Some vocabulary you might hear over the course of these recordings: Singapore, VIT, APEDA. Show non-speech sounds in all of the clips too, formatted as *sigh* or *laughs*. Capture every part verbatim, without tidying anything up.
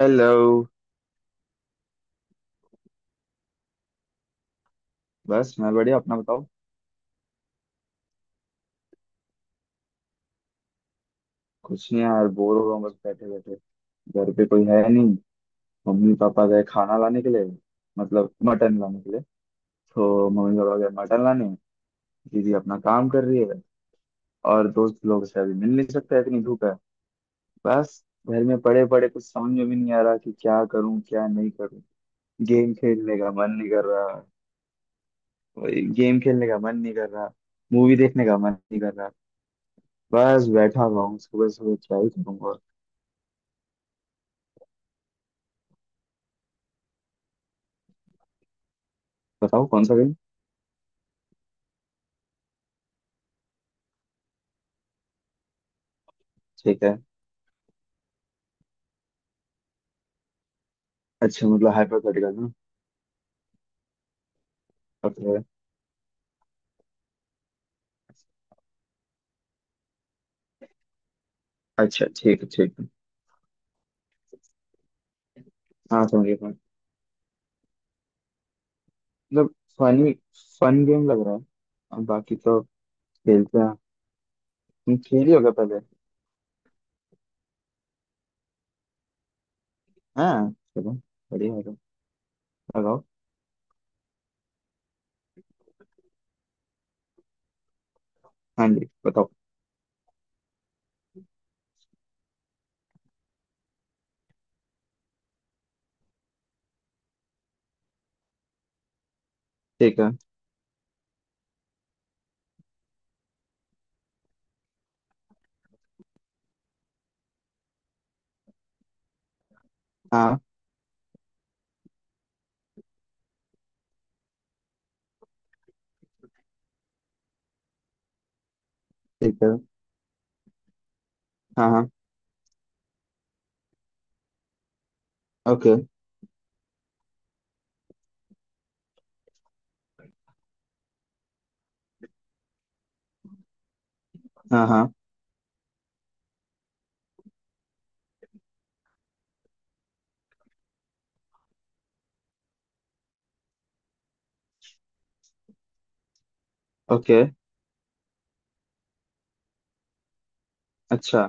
Hello. बस मैं बढ़िया, अपना बताओ। कुछ नहीं यार, बोर हो रहा हूँ, बस बैठे बैठे। घर पे कोई है नहीं। मम्मी पापा गए खाना लाने के लिए, मतलब मटन लाने के लिए। तो मम्मी पापा गए मटन लाने। दीदी अपना काम कर रही है। और दोस्त लोग से अभी मिल नहीं सकता, इतनी धूप है। बस। घर में पड़े पड़े कुछ समझ में भी नहीं आ रहा कि क्या करूँ क्या नहीं करूँ। गेम खेलने का मन नहीं कर रहा, वही गेम खेलने का मन नहीं कर रहा, मूवी देखने का मन नहीं कर रहा। बस बैठा हुआ हूँ, सुबह सुबह क्या ही करूँगा। बताओ कौन सा। ठीक है। अच्छा, मतलब हाइपोथेटिकल ना। ओके। अच्छा ठीक है ठीक है। हाँ समझ गया, समझ- मतलब फनी फन गेम लग रहा है। अब बाकी तो खेलते हैं। तुम खेली होगा पहले। हाँ चलो, बढ़िया होगा, लगाओ। हाँ जी बताओ। ठीक है। हाँ। ठीक है। हाँ हाँ, ओके। हाँ हाँ, ओके। अच्छा,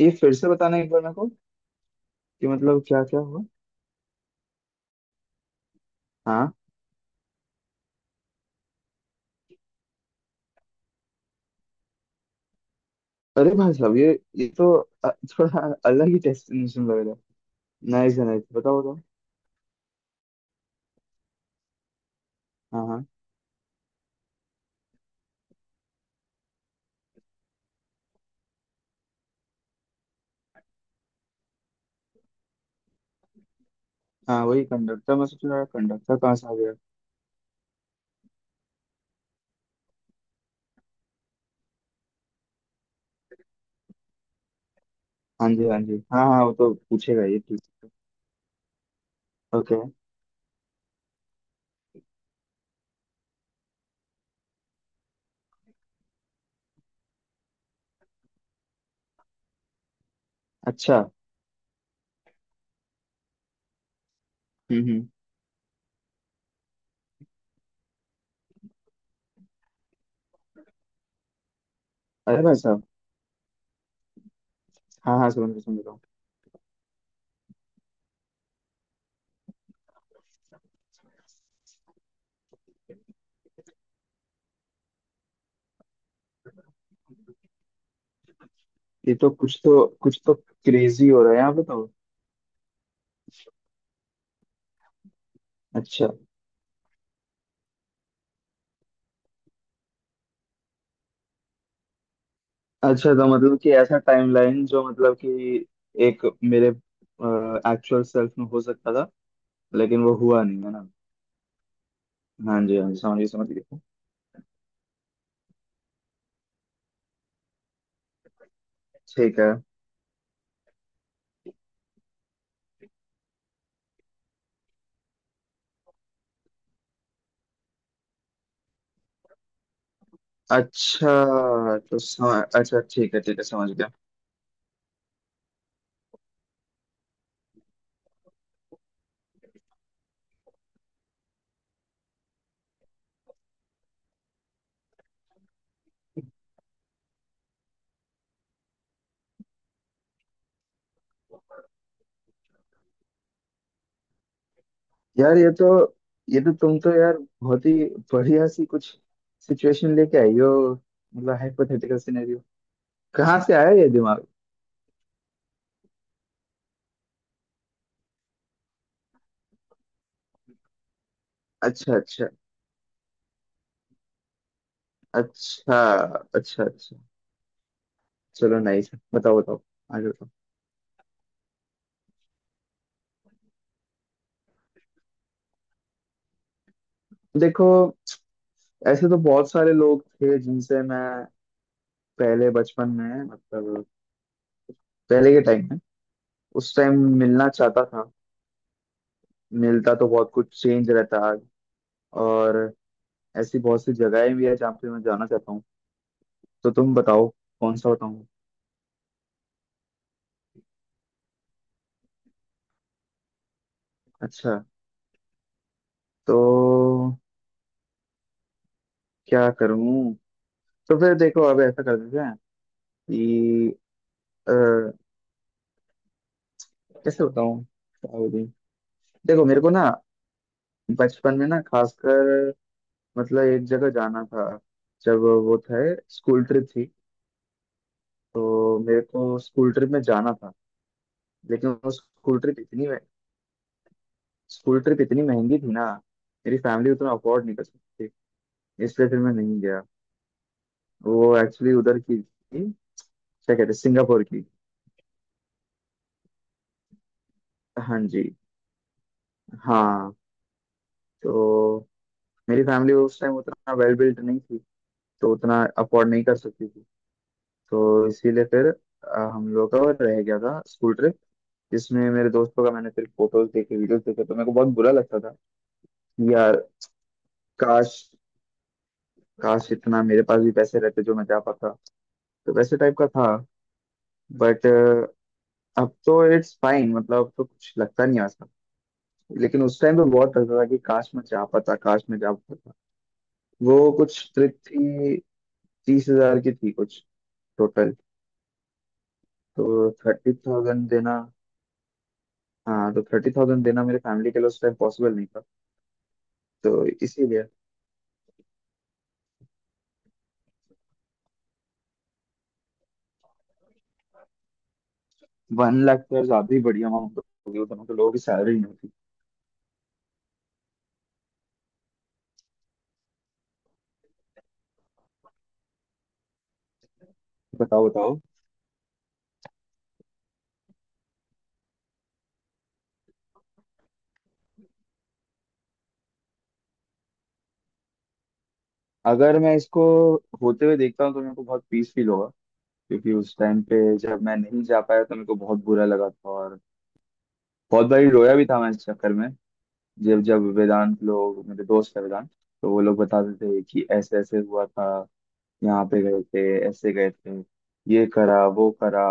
ये फिर से बताना एक बार मेरे को कि मतलब क्या क्या हुआ। हाँ। अरे भाई साहब, ये ये तो अ, थोड़ा अलग ही डेस्टिनेशन लग रहा है। नाइस है, नाइस, बताओ बताओ। हाँ हाँ। हाँ वही कंडक्टर, मैं सोच रहा कंडक्टर कहाँ से आ गया। हाँ जी हाँ जी, हाँ हाँ, वो तो पूछेगा, ये ठीक है। ओके। अच्छा। हम्म हम्म। अरे भाई साहब। हाँ हाँ, समझ रहा समझ रहा हूँ। ये तो कुछ तो कुछ तो क्रेजी हो रहा है यहाँ पे तो। अच्छा। अच्छा, तो मतलब कि ऐसा टाइमलाइन जो, मतलब कि एक मेरे एक्चुअल सेल्फ में हो सकता था लेकिन वो हुआ नहीं है ना। हाँ जी हाँ जी, समझ गया समझ गया। ठीक है। अच्छा, तो सम... अच्छा ठीक है ठीक है, समझ गया। यार ये तो, ये तो तुम तो यार बहुत ही बढ़िया सी कुछ सिचुएशन लेके आई हो, मतलब हाइपोथेटिकल सिनेरियो। कहाँ से आया ये दिमाग। अच्छा अच्छा। अच्छा अच्छा। अच्छा। चलो नाइस, बताओ बताओ, आगे बताओ। देखो, ऐसे तो बहुत सारे लोग थे जिनसे मैं पहले बचपन में, मतलब पहले के टाइम में, उस टाइम मिलना चाहता था। मिलता तो बहुत कुछ चेंज रहता आज। और ऐसी बहुत सी जगहें भी है जहाँ पे मैं जाना चाहता हूँ। तो तुम बताओ कौन सा बताऊँ। अच्छा तो क्या करूं। तो फिर देखो, अब ऐसा कर देते हैं कि अ, कैसे बताऊं क्या बोलूं? देखो मेरे को ना बचपन में ना खासकर, मतलब एक जगह जाना था। जब वो थे, स्कूल ट्रिप थी। तो मेरे को स्कूल ट्रिप में जाना था। लेकिन वो स्कूल ट्रिप इतनी स्कूल ट्रिप इतनी महंगी थी ना, मेरी फैमिली उतना अफोर्ड नहीं कर सकती थी, इसलिए फिर मैं नहीं गया। वो एक्चुअली उधर की थी, क्या कहते हैं, सिंगापुर की। हाँ जी हाँ। तो मेरी फैमिली उस टाइम उतना वेल बिल्ट नहीं थी, तो उतना अफोर्ड नहीं कर सकती थी। तो इसीलिए फिर अ, हम लोग का रह गया था स्कूल ट्रिप जिसमें मेरे दोस्तों का, मैंने फिर फोटोज देखे वीडियोस देखे, तो मेरे को बहुत बुरा लगता था कि यार काश, काश इतना मेरे पास भी पैसे रहते जो मैं जा पाता। तो वैसे टाइप का था, बट अब तो इट्स फाइन, मतलब अब तो कुछ लगता नहीं ऐसा। लेकिन उस टाइम तो बहुत लगता था कि काश मैं जा पाता, काश मैं जा पाता। वो कुछ ट्रिप थी, तीस हजार की थी कुछ टोटल। तो थर्टी थाउजेंड देना, हाँ, तो थर्टी थाउजेंड देना मेरे फैमिली के लिए उस टाइम पॉसिबल नहीं था। तो इसीलिए वन लाख तो यार ज्यादा ही बढ़िया अमाउंट होगी, वो दोनों तो लोगों की सैलरी नहीं होती। बताओ बताओ। अगर मैं इसको होते हुए देखता हूँ तो मेरे को बहुत पीस फील होगा, क्योंकि उस टाइम पे जब मैं नहीं जा पाया तो मेरे को बहुत बुरा लगा था और बहुत बारी रोया भी था मैं इस चक्कर में। जब जब वेदांत लोग, मेरे दोस्त है वेदांत, तो वो लोग बताते थे कि ऐसे ऐसे हुआ था, यहाँ पे गए थे, ऐसे गए थे, ये करा वो करा,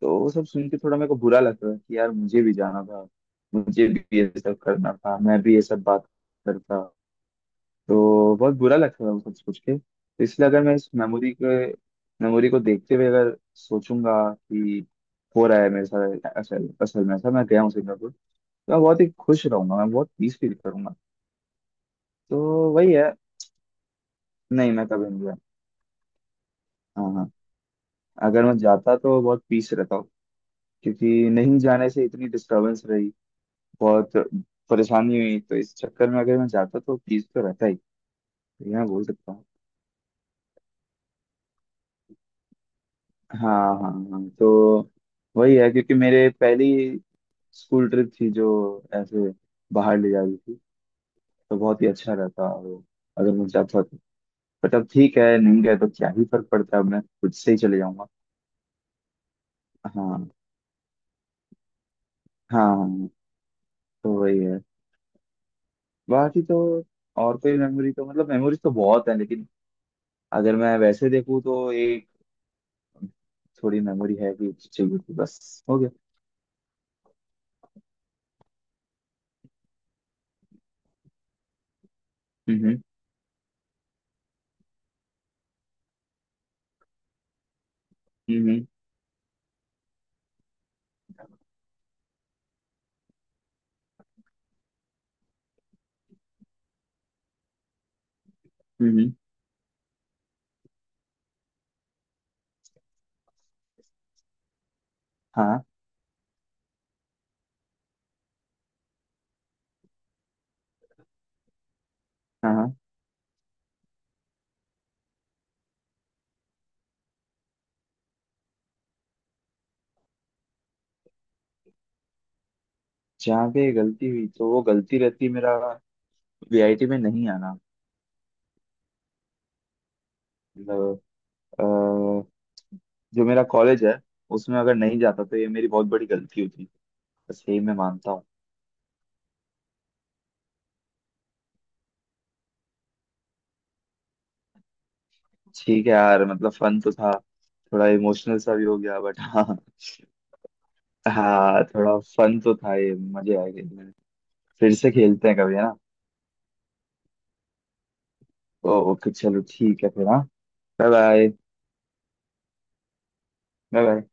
तो वो सब सुन के थोड़ा मेरे को बुरा लग रहा है कि यार मुझे भी जाना था, मुझे भी ये सब करना था, मैं भी ये सब बात करता। तो बहुत बुरा लग रहा है वो सब सोच के। तो इसलिए अगर मैं इस मेमोरी के मेमोरी को देखते हुए अगर सोचूंगा कि हो रहा है मेरे साथ असल असल में, ऐसा मैं गया हूँ सिंगापुर, तो मैं बहुत ही खुश रहूंगा, मैं बहुत पीस फील करूंगा। तो वही है। नहीं, मैं कभी नहीं गया। हाँ हाँ। अगर मैं जाता तो बहुत पीस रहता हूँ, क्योंकि नहीं जाने से इतनी डिस्टरबेंस रही, बहुत परेशानी हुई, तो इस चक्कर में अगर मैं जाता तो फीस तो रहता ही। तो ये मैं बोल सकता हूँ। हाँ हाँ हाँ, तो वही है, क्योंकि मेरे पहली स्कूल ट्रिप थी जो ऐसे बाहर ले जा रही थी, तो बहुत ही अच्छा रहता वो अगर मैं जाता तो। बट अब ठीक है, नहीं गए तो क्या ही फर्क पड़ता है, अब मैं खुद से ही चले जाऊंगा। हाँ हाँ। हाँ, हाँ, तो वही है। बाकी तो और कोई मेमोरी तो, मतलब मेमोरीज तो बहुत है लेकिन अगर मैं वैसे देखूँ तो एक थोड़ी मेमोरी है, भी चाहिए थी, बस हो गया। हम्म हम्म हम्म। हाँ हाँ। हाँ, जहाँ पे गलती हुई तो वो गलती रहती, मेरा वी आई टी में नहीं आना। मतलब अ, जो मेरा कॉलेज है, उसमें अगर नहीं जाता तो ये मेरी बहुत बड़ी गलती होती। बस यही मैं मानता हूँ। ठीक है यार, मतलब फन तो था, थोड़ा इमोशनल सा भी हो गया बट *laughs* हाँ। हाँ थोड़ा फन तो था, ये मजे आए खेलने में। फिर से खेलते हैं कभी, है ना। ओ- ओके चलो ठीक है फिर, हाँ, बाय। Bye bye.